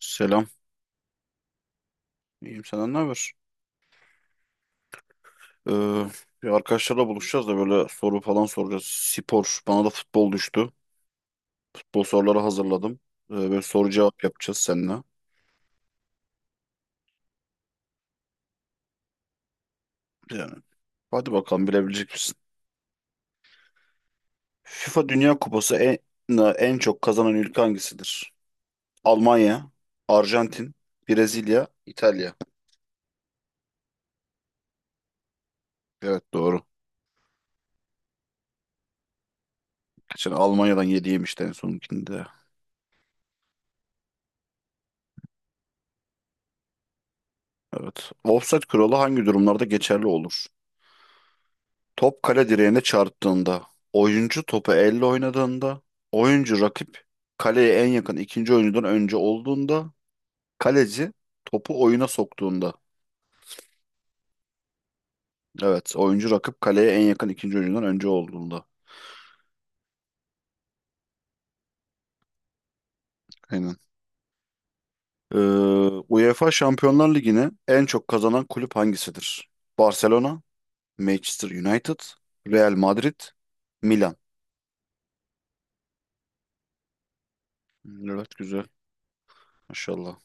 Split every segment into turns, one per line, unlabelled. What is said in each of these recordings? Selam. İyiyim senden ne haber? Ee, Bir arkadaşlarla buluşacağız da böyle soru falan soracağız. Spor. Bana da futbol düştü. Futbol soruları hazırladım. Böyle soru cevap yapacağız seninle. Yani hadi bakalım bilebilecek misin? FIFA Dünya Kupası en çok kazanan ülke hangisidir? Almanya, Arjantin, Brezilya, İtalya. Evet doğru. Geçen Almanya'dan yediğim işte en sonunkinde. Evet. Offside kuralı hangi durumlarda geçerli olur? Top kale direğine çarptığında, oyuncu topu elle oynadığında, oyuncu rakip kaleye en yakın ikinci oyuncudan önce olduğunda, kaleci topu oyuna soktuğunda. Evet, oyuncu rakip kaleye en yakın ikinci oyuncudan önce olduğunda. Aynen. Ee, UEFA Şampiyonlar Ligi'ne en çok kazanan kulüp hangisidir? Barcelona, Manchester United, Real Madrid, Milan. Evet, güzel. Maşallah.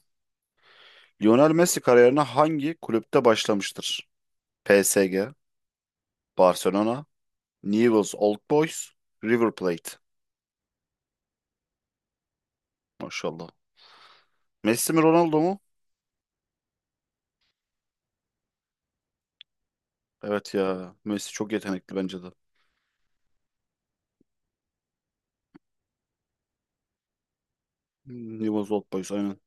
Lionel Messi kariyerine hangi kulüpte başlamıştır? PSG, Barcelona, Newell's Old Boys, River Plate. Maşallah. Messi mi Ronaldo mu? Evet ya. Messi çok yetenekli bence de. Newell's Old Boys aynen.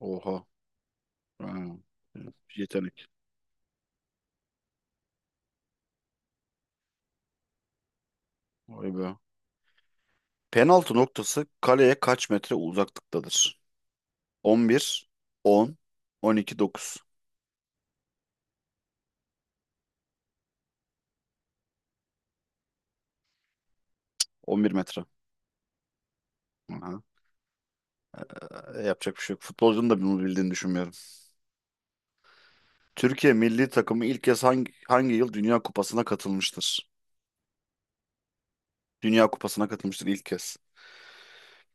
Oha. Aynen. Yetenek. Vay be. Penaltı noktası kaleye kaç metre uzaklıktadır? 11, 10, 12, 9. 11 metre. Aha. Yapacak bir şey yok. Futbolcunun da bunu bildiğini düşünmüyorum. Türkiye milli takımı ilk kez hangi yıl Dünya Kupası'na katılmıştır? Dünya Kupası'na katılmıştır ilk kez.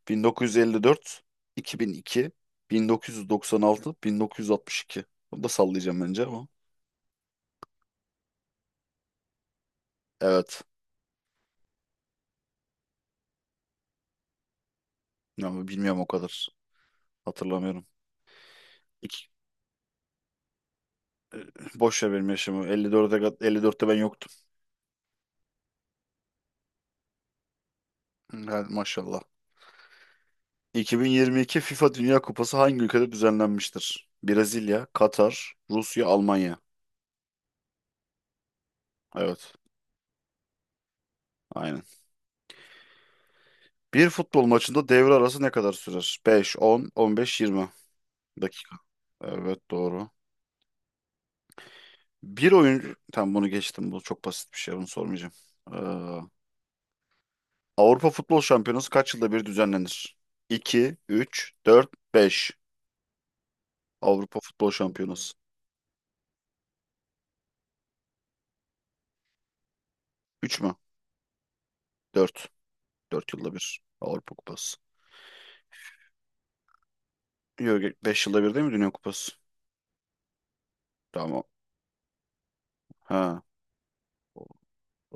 1954, 2002, 1996, 1962. Bunu da sallayacağım bence ama. Evet. Ama bilmiyorum o kadar. Hatırlamıyorum. İki, boş ver benim yaşımı. 54'e, 54'te ben yoktum. Yani maşallah. 2022 FIFA Dünya Kupası hangi ülkede düzenlenmiştir? Brezilya, Katar, Rusya, Almanya. Evet. Aynen. Bir futbol maçında devre arası ne kadar sürer? 5, 10, 15, 20 dakika. Evet doğru. Bir oyuncu... Tamam bunu geçtim. Bu çok basit bir şey. Bunu sormayacağım. Ee, Avrupa Futbol Şampiyonası kaç yılda bir düzenlenir? 2, 3, 4, 5. Avrupa Futbol Şampiyonası. 3 mü? 4. 4 yılda bir. Avrupa Kupası. Yok 5 yılda bir değil mi Dünya Kupası? Tamam. Ha.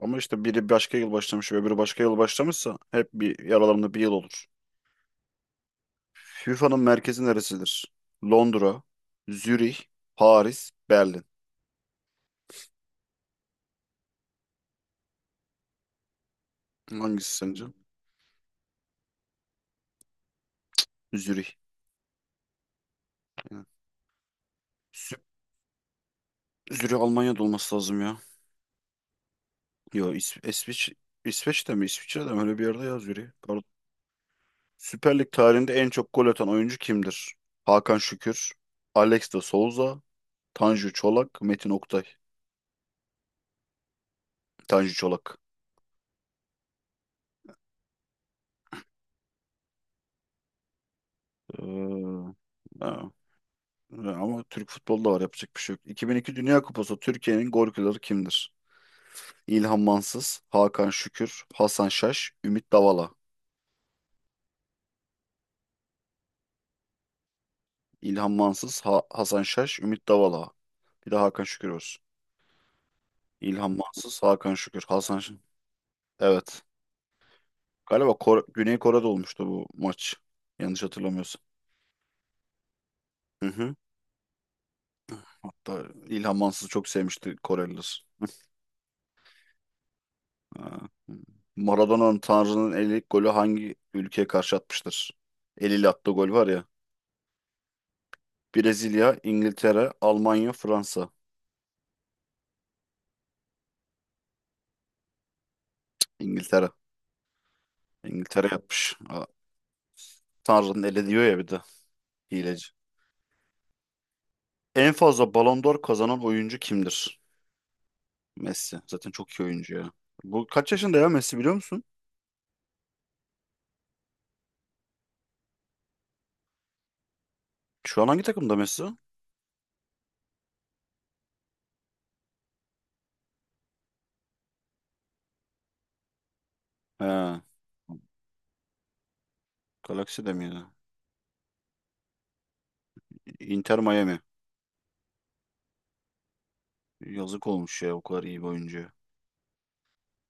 Ama işte biri başka yıl başlamış ve biri başka yıl başlamışsa hep bir aralarında bir yıl olur. FIFA'nın merkezi neresidir? Londra, Zürih, Paris, Berlin. Hangisi sence? Zürih. Yani. Zürih Almanya'da olması lazım ya. Yo İs İsviç İsveç'te mi? İsviçre'de mi? Öyle bir yerde ya Zürih. Pardon. Süper Lig tarihinde en çok gol atan oyuncu kimdir? Hakan Şükür, Alex de Souza, Tanju Çolak, Metin Oktay. Tanju Çolak. Ee, ha. Ha, ama Türk futbolda var yapacak bir şey yok. 2002 Dünya Kupası Türkiye'nin golcüleri kimdir? İlhan Mansız, Hakan Şükür, Hasan Şaş, Ümit Davala. İlhan Mansız, Hasan Şaş, Ümit Davala. Bir de Hakan Şükür olsun. İlhan Mansız, Hakan Şükür, Hasan Şen. Evet. Galiba Güney Kore'de olmuştu bu maç. Yanlış hatırlamıyorsam. Hı hı. Hatta İlhan Mansız'ı çok sevmişti Koreliler. Ha. Maradona'nın Tanrı'nın eli golü hangi ülkeye karşı atmıştır? Eliyle attığı gol var ya. Brezilya, İngiltere, Almanya, Fransa. İngiltere. İngiltere yapmış. Ha, Tanrı'nın eli diyor ya bir de. Hileci. En fazla Ballon d'Or kazanan oyuncu kimdir? Messi. Zaten çok iyi oyuncu ya. Bu kaç yaşında ya Messi biliyor musun? Şu an hangi takımda Messi? He. Galaxy'de miydi? Inter Miami. Yazık olmuş ya o kadar iyi bir oyuncu.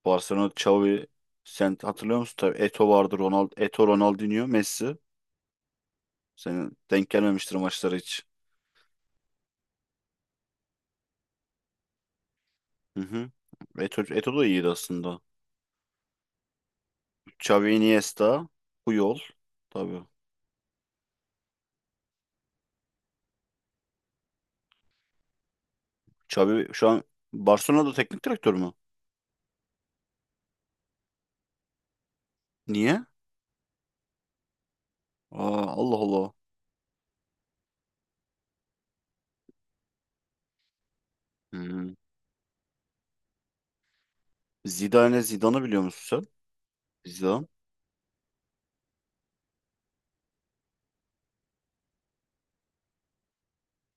Barcelona Xavi sen hatırlıyor musun? Tabii Eto vardı, Eto Ronaldinho, Messi. Senin denk gelmemiştir maçlara hiç. Hı hı. Eto da iyiydi aslında. Xavi Iniesta, Puyol. Tabii. Xavi şu an Barcelona'da teknik direktör mü? Niye? Aa, Allah Allah. Hı. Zidane'ı biliyor musun sen? Zidane.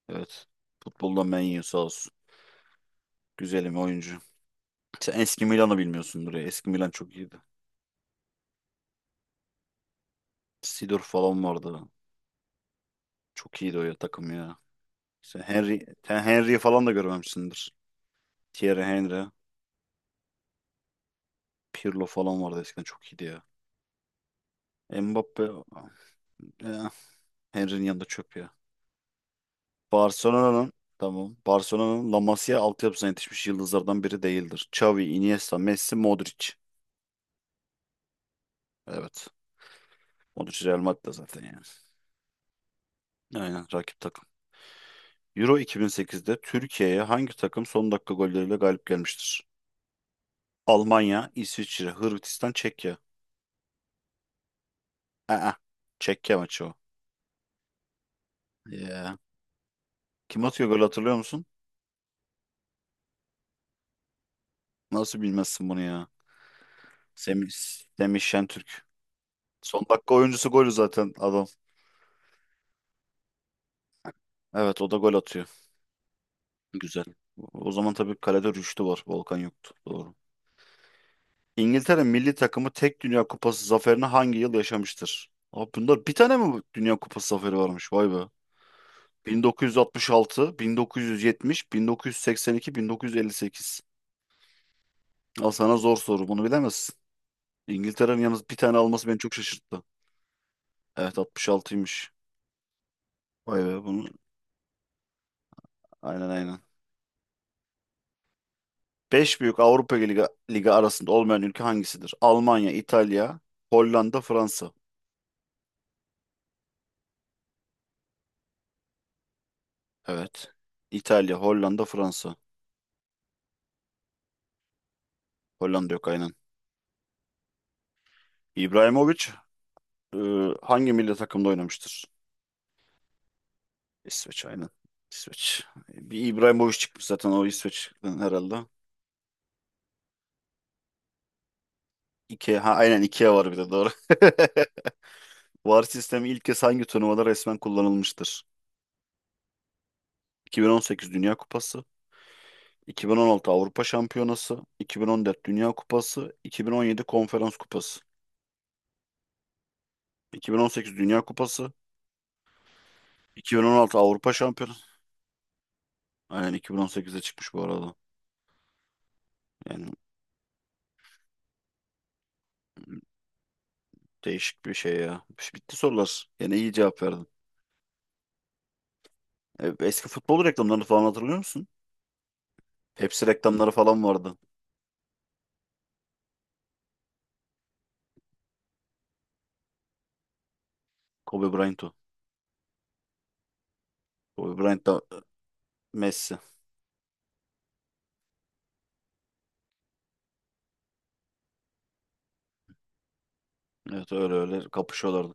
Evet. Futbolda menyu sağ olsun. Güzelim oyuncu. Sen eski Milan'ı bilmiyorsundur ya. Eski Milan çok iyiydi. Sidor falan vardı. Çok iyiydi o ya takım ya. Sen Henry'i falan da görmemişsindir. Thierry Henry, Pirlo falan vardı eskiden çok iyiydi ya. Mbappe, eh, Henry'nin yanında çöp ya. Barcelona'nın Tamam. Barcelona'nın La Masia altyapısına yetişmiş yıldızlardan biri değildir. Xavi, Iniesta, Messi, Modric. Evet. Modric Real Madrid'de zaten yani. Aynen rakip takım. Euro 2008'de Türkiye'ye hangi takım son dakika golleriyle galip gelmiştir? Almanya, İsviçre, Hırvatistan, Çekya. Aa, Çekya maçı o. Ya. Kim atıyor gol hatırlıyor musun? Nasıl bilmezsin bunu ya? Semih, Semih Şentürk. Son dakika oyuncusu golü zaten adam. Evet o da gol atıyor. Güzel. O zaman tabii kalede Rüştü var. Volkan yoktu. Doğru. İngiltere milli takımı tek Dünya Kupası zaferini hangi yıl yaşamıştır? Abi bunlar bir tane mi Dünya Kupası zaferi varmış? Vay be. 1966, 1970, 1982, 1958. Al sana zor soru. Bunu bilemezsin. İngiltere'nin yalnız bir tane alması beni çok şaşırttı. Evet 66'ymış. Vay be bunu. Aynen aynen. 5 büyük Avrupa Ligi arasında olmayan ülke hangisidir? Almanya, İtalya, Hollanda, Fransa. Evet. İtalya, Hollanda, Fransa. Hollanda yok aynen. İbrahimovic e, hangi milli takımda oynamıştır? İsveç aynen. İsveç. Bir İbrahimovic çıkmış zaten o İsveç'ten herhalde. Ikea, ha, aynen Ikea var bir de doğru. VAR sistemi ilk kez hangi turnuvada resmen kullanılmıştır? 2018 Dünya Kupası, 2016 Avrupa Şampiyonası, 2014 Dünya Kupası, 2017 Konferans Kupası. 2018 Dünya Kupası, 2016 Avrupa Şampiyonası. Aynen 2018'de çıkmış bu arada. Yani değişik bir şey ya. Bitti sorular. Yine iyi cevap verdin. Eski futbol reklamlarını falan hatırlıyor musun? Pepsi reklamları falan vardı. Kobe Bryant o. Kobe Bryant da Messi. Evet öyle öyle kapışıyorlardı.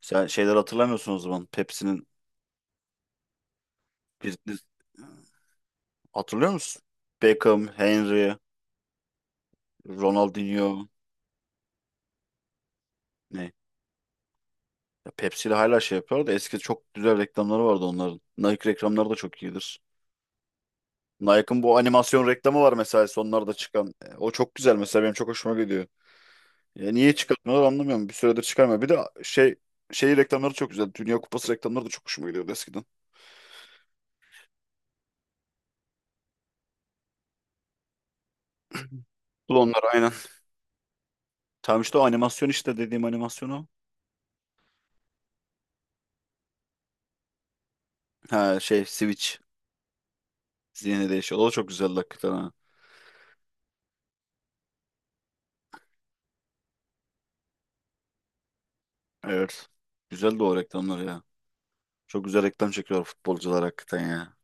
Sen şeyler hatırlamıyorsun o zaman. Pepsi'nin bir hatırlıyor musun? Beckham, Henry, Ronaldinho ne? Ya Pepsi ile hala şey yapıyor da eski çok güzel reklamları vardı onların. Nike reklamları da çok iyidir. Nike'ın bu animasyon reklamı var mesela sonlarda çıkan. O çok güzel mesela benim çok hoşuma gidiyor. Niye çıkartmıyorlar anlamıyorum. Bir süredir çıkarmıyor. Bir de şey reklamları çok güzel. Dünya Kupası reklamları da çok hoşuma gidiyordu eskiden. Bu da onlar aynen. Tam işte o animasyon işte dediğim animasyonu. Ha şey Switch zihni değişiyor. O da çok güzel hakikaten ha. Evet. Güzel de o reklamlar ya. Çok güzel reklam çekiyor futbolcular hakikaten ya.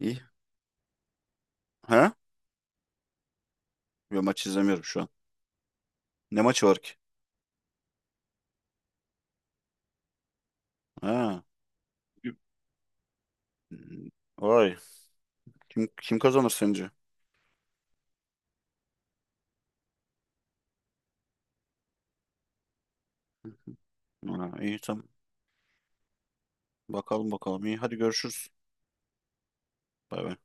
İyi. Ha? Yo maç izlemiyorum şu an. Ne maçı var ki? Ha. Hmm, vay. Kim kazanır sence? Ha, iyi tamam. Bakalım bakalım. İyi hadi görüşürüz. Bay bay.